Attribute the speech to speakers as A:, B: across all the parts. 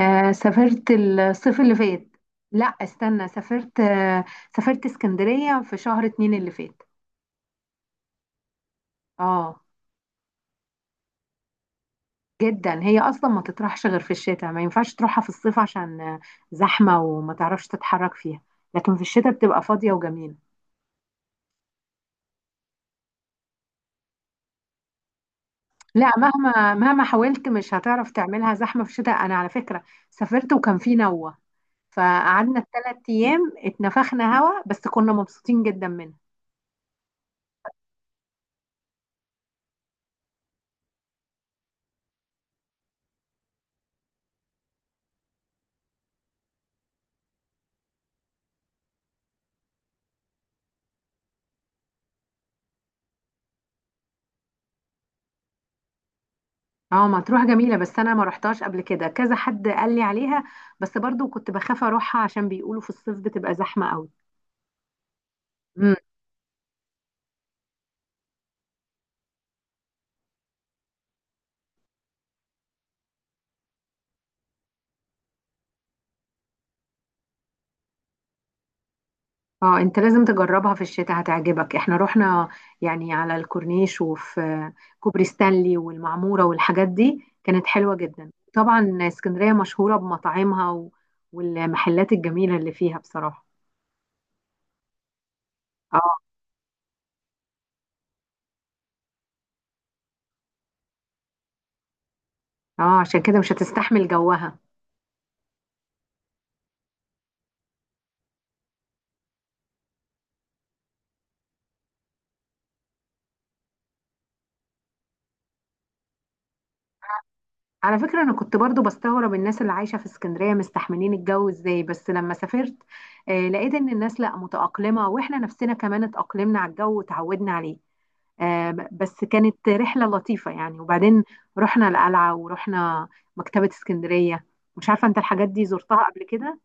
A: آه، سافرت الصيف اللي فات. لا استنى، سافرت اسكندرية في شهر 2 اللي فات. اه. جدا، هي اصلا ما تطرحش غير في الشتاء، ما ينفعش تروحها في الصيف عشان زحمة وما تعرفش تتحرك فيها. لكن في الشتاء بتبقى فاضية وجميلة. لا، مهما مهما حاولت مش هتعرف تعملها زحمة في الشتاء. انا على فكرة سافرت وكان في نوة، فقعدنا ال3 ايام اتنفخنا هوا بس كنا مبسوطين جدا منه. اه مطروح جميلة بس أنا ما رحتهاش قبل كده، كذا حد قال لي عليها، بس برضو كنت بخاف أروحها عشان بيقولوا في الصيف بتبقى زحمة قوي. مم. اه انت لازم تجربها في الشتاء هتعجبك. احنا رحنا يعني على الكورنيش، وفي كوبري ستانلي والمعمورة والحاجات دي كانت حلوة جدا. طبعا اسكندرية مشهورة بمطاعمها والمحلات الجميلة اللي فيها بصراحة. اه، اه عشان كده مش هتستحمل جوها. على فكرة أنا كنت برضو بستغرب الناس اللي عايشة في اسكندرية مستحملين الجو إزاي، بس لما سافرت لقيت إن الناس لأ متأقلمة، وإحنا نفسنا كمان اتأقلمنا على الجو وتعودنا عليه. بس كانت رحلة لطيفة يعني. وبعدين رحنا القلعة ورحنا مكتبة اسكندرية. مش عارفة أنت الحاجات دي زرتها قبل كده؟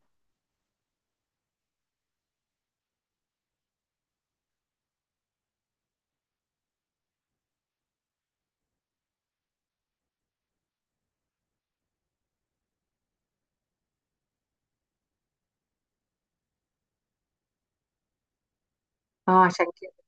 A: اه عشان كده.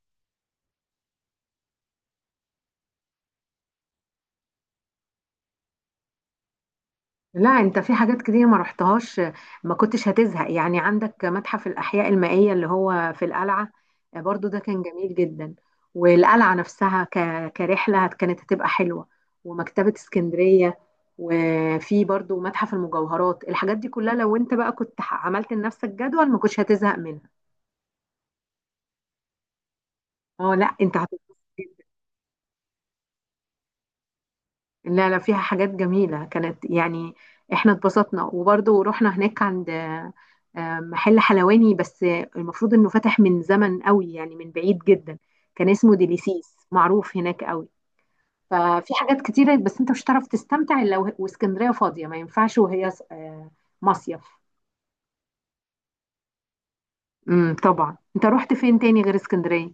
A: لا، انت في حاجات كتير ما رحتهاش. ما كنتش هتزهق يعني، عندك متحف الأحياء المائية اللي هو في القلعة، برضو ده كان جميل جدا. والقلعة نفسها كرحلة كانت هتبقى حلوة، ومكتبة اسكندرية، وفي برضو متحف المجوهرات. الحاجات دي كلها لو انت بقى كنت عملت لنفسك جدول ما كنتش هتزهق منها. اه لا انت. لا لا، فيها حاجات جميلة كانت يعني. احنا اتبسطنا، وبرضه رحنا هناك عند محل حلواني، بس المفروض انه فتح من زمن قوي يعني من بعيد جدا. كان اسمه ديليسيس، معروف هناك قوي. ففي حاجات كتيرة، بس انت مش هتعرف تستمتع الا واسكندرية فاضية. ما ينفعش وهي مصيف. طبعا. انت رحت فين تاني غير اسكندرية؟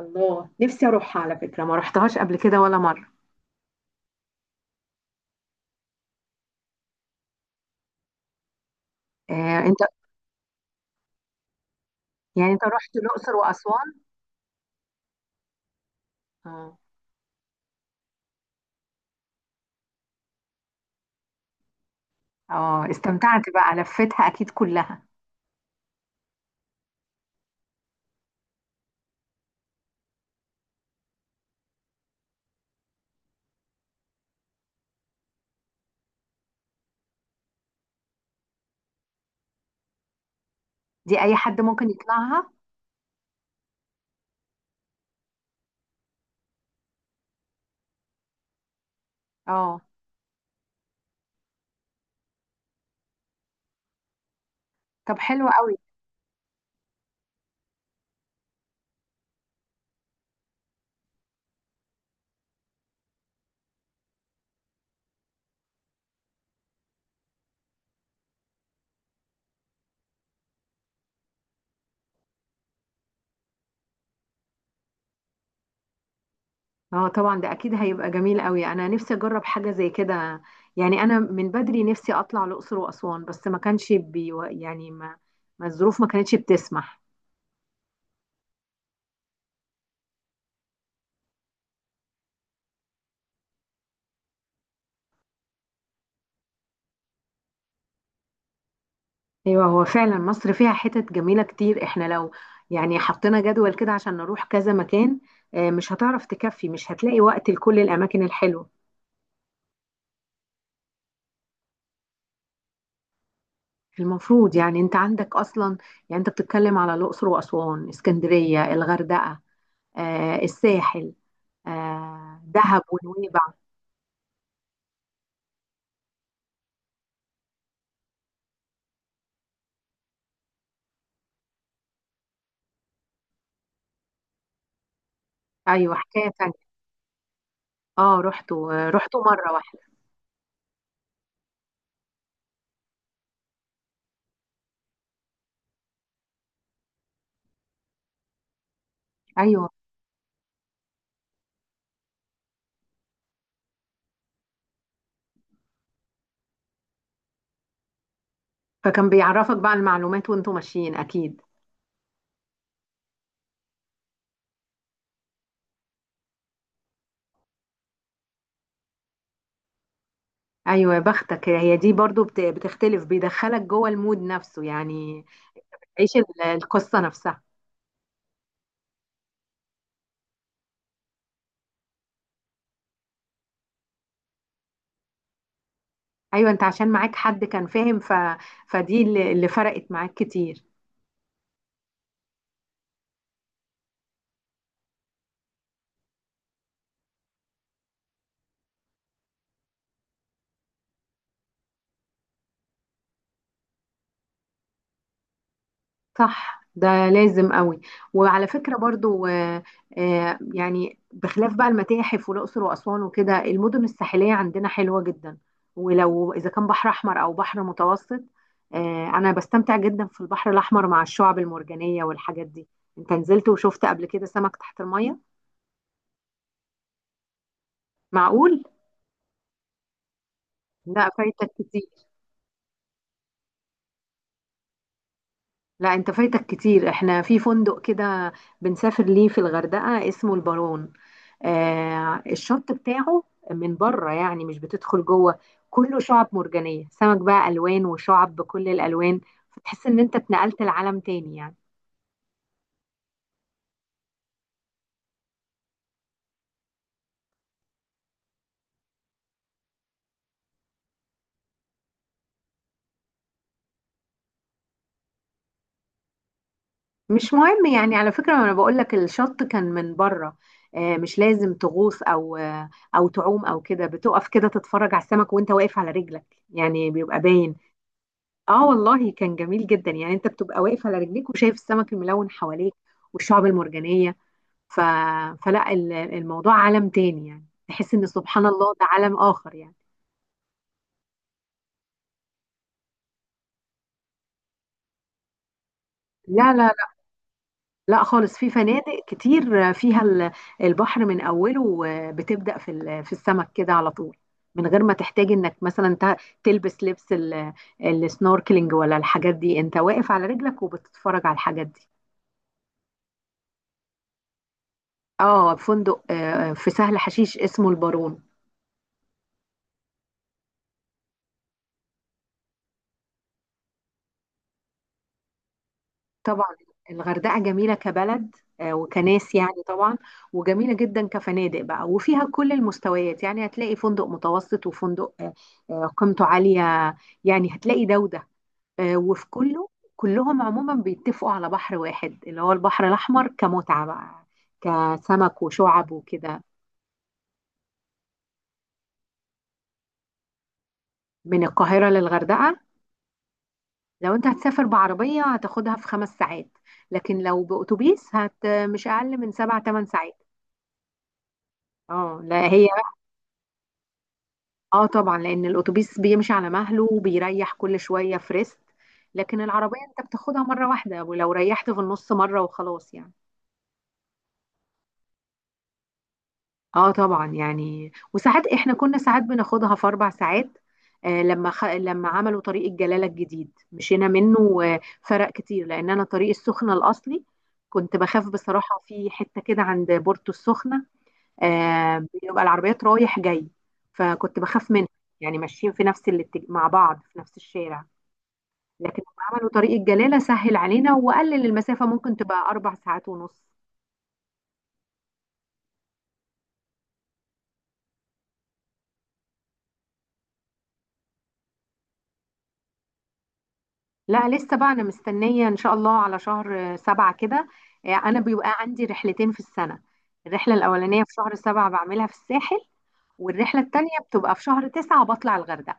A: الله، نفسي اروحها على فكرة، ما رحتهاش قبل كده ولا مرة. انت يعني انت رحت الاقصر واسوان. اه. اه استمتعت بقى، لفتها اكيد كلها. دي اي حد ممكن يطلعها. اه. طب حلو قوي. اه طبعا ده اكيد هيبقى جميل قوي. انا نفسي اجرب حاجه زي كده، يعني انا من بدري نفسي اطلع الاقصر واسوان بس ما كانش بي، يعني ما الظروف ما كانتش بتسمح. ايوه هو فعلا مصر فيها حتت جميله كتير. احنا لو يعني حطينا جدول كده عشان نروح كذا مكان مش هتعرف تكفي، مش هتلاقي وقت لكل الاماكن الحلوه. المفروض، يعني انت عندك اصلا، يعني انت بتتكلم على الاقصر واسوان، اسكندريه، الغردقه، الساحل، دهب ونويبع. ايوه حكايه تانية. اه، رحتوا مره واحده. ايوه، فكان بيعرفك بقى المعلومات وانتوا ماشيين اكيد. ايوه يا بختك، هي دي برضو بتختلف، بيدخلك جوه المود نفسه يعني. عيش القصه نفسها. ايوه انت عشان معاك حد كان فاهم، فدي اللي فرقت معاك كتير. صح، ده لازم قوي. وعلى فكرة برضو يعني بخلاف بقى المتاحف والأقصر وأسوان وكده، المدن الساحلية عندنا حلوة جدا، ولو إذا كان بحر أحمر أو بحر متوسط. أنا بستمتع جدا في البحر الأحمر مع الشعب المرجانية والحاجات دي. أنت نزلت وشفت قبل كده سمك تحت المية؟ معقول؟ لا فايتك كتير. لا أنت فايتك كتير، إحنا في فندق كده بنسافر ليه في الغردقة اسمه البارون. الشط بتاعه من بره يعني، مش بتدخل جوه. كله شعب مرجانية، سمك بقى ألوان وشعب بكل الألوان، فتحس إن أنت اتنقلت لعالم تاني يعني. مش مهم يعني، على فكرة أنا بقول لك الشط كان من بره. مش لازم تغوص أو أو تعوم أو كده، بتقف كده تتفرج على السمك وأنت واقف على رجلك، يعني بيبقى باين. آه والله كان جميل جدا يعني. أنت بتبقى واقف على رجليك وشايف السمك الملون حواليك والشعب المرجانية. ف... فلا الموضوع عالم تاني يعني، تحس ان سبحان الله ده عالم اخر يعني. لا لا لا. لا خالص، في فنادق كتير فيها البحر من اوله بتبدأ في في السمك كده على طول، من غير ما تحتاج انك مثلا تلبس لبس السنوركلينج ولا الحاجات دي. انت واقف على رجلك وبتتفرج على الحاجات دي. اه فندق في سهل حشيش اسمه البارون. طبعا الغردقة جميلة كبلد، وكناس يعني طبعا، وجميلة جدا كفنادق بقى. وفيها كل المستويات، يعني هتلاقي فندق متوسط وفندق قيمته عالية. يعني هتلاقي ده وده، وفي كله. كلهم عموما بيتفقوا على بحر واحد اللي هو البحر الأحمر كمتعة بقى، كسمك وشعب وكده. من القاهرة للغردقة، لو انت هتسافر بعربية هتاخدها في 5 ساعات، لكن لو بأتوبيس هت مش أقل من 7 - 8 ساعات. اه لا هي. اه طبعا، لان الاتوبيس بيمشي على مهله وبيريح كل شويه في ريست، لكن العربيه انت بتاخدها مره واحده ولو ريحت في النص مره وخلاص يعني. اه طبعا، يعني وساعات احنا كنا ساعات بناخدها في 4 ساعات. لما لما عملوا طريق الجلاله الجديد مشينا منه، وفرق كتير. لان انا طريق السخنه الاصلي كنت بخاف بصراحه، في حته كده عند بورتو السخنه بيبقى العربيات رايح جاي فكنت بخاف منها، يعني ماشيين في نفس مع بعض في نفس الشارع. لكن هم عملوا طريق الجلالة سهل علينا وقلل المسافة، ممكن تبقى 4 ساعات ونص. لا لسه بقى، أنا مستنية إن شاء الله على شهر 7 كده. أنا بيبقى عندي رحلتين في السنة. الرحلة الأولانية في شهر 7 بعملها في الساحل، والرحلة التانية بتبقى في شهر 9 بطلع الغردقة.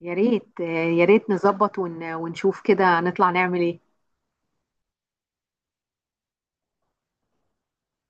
A: يا ريت، يا ريت نظبط ونشوف كده نطلع نعمل إيه.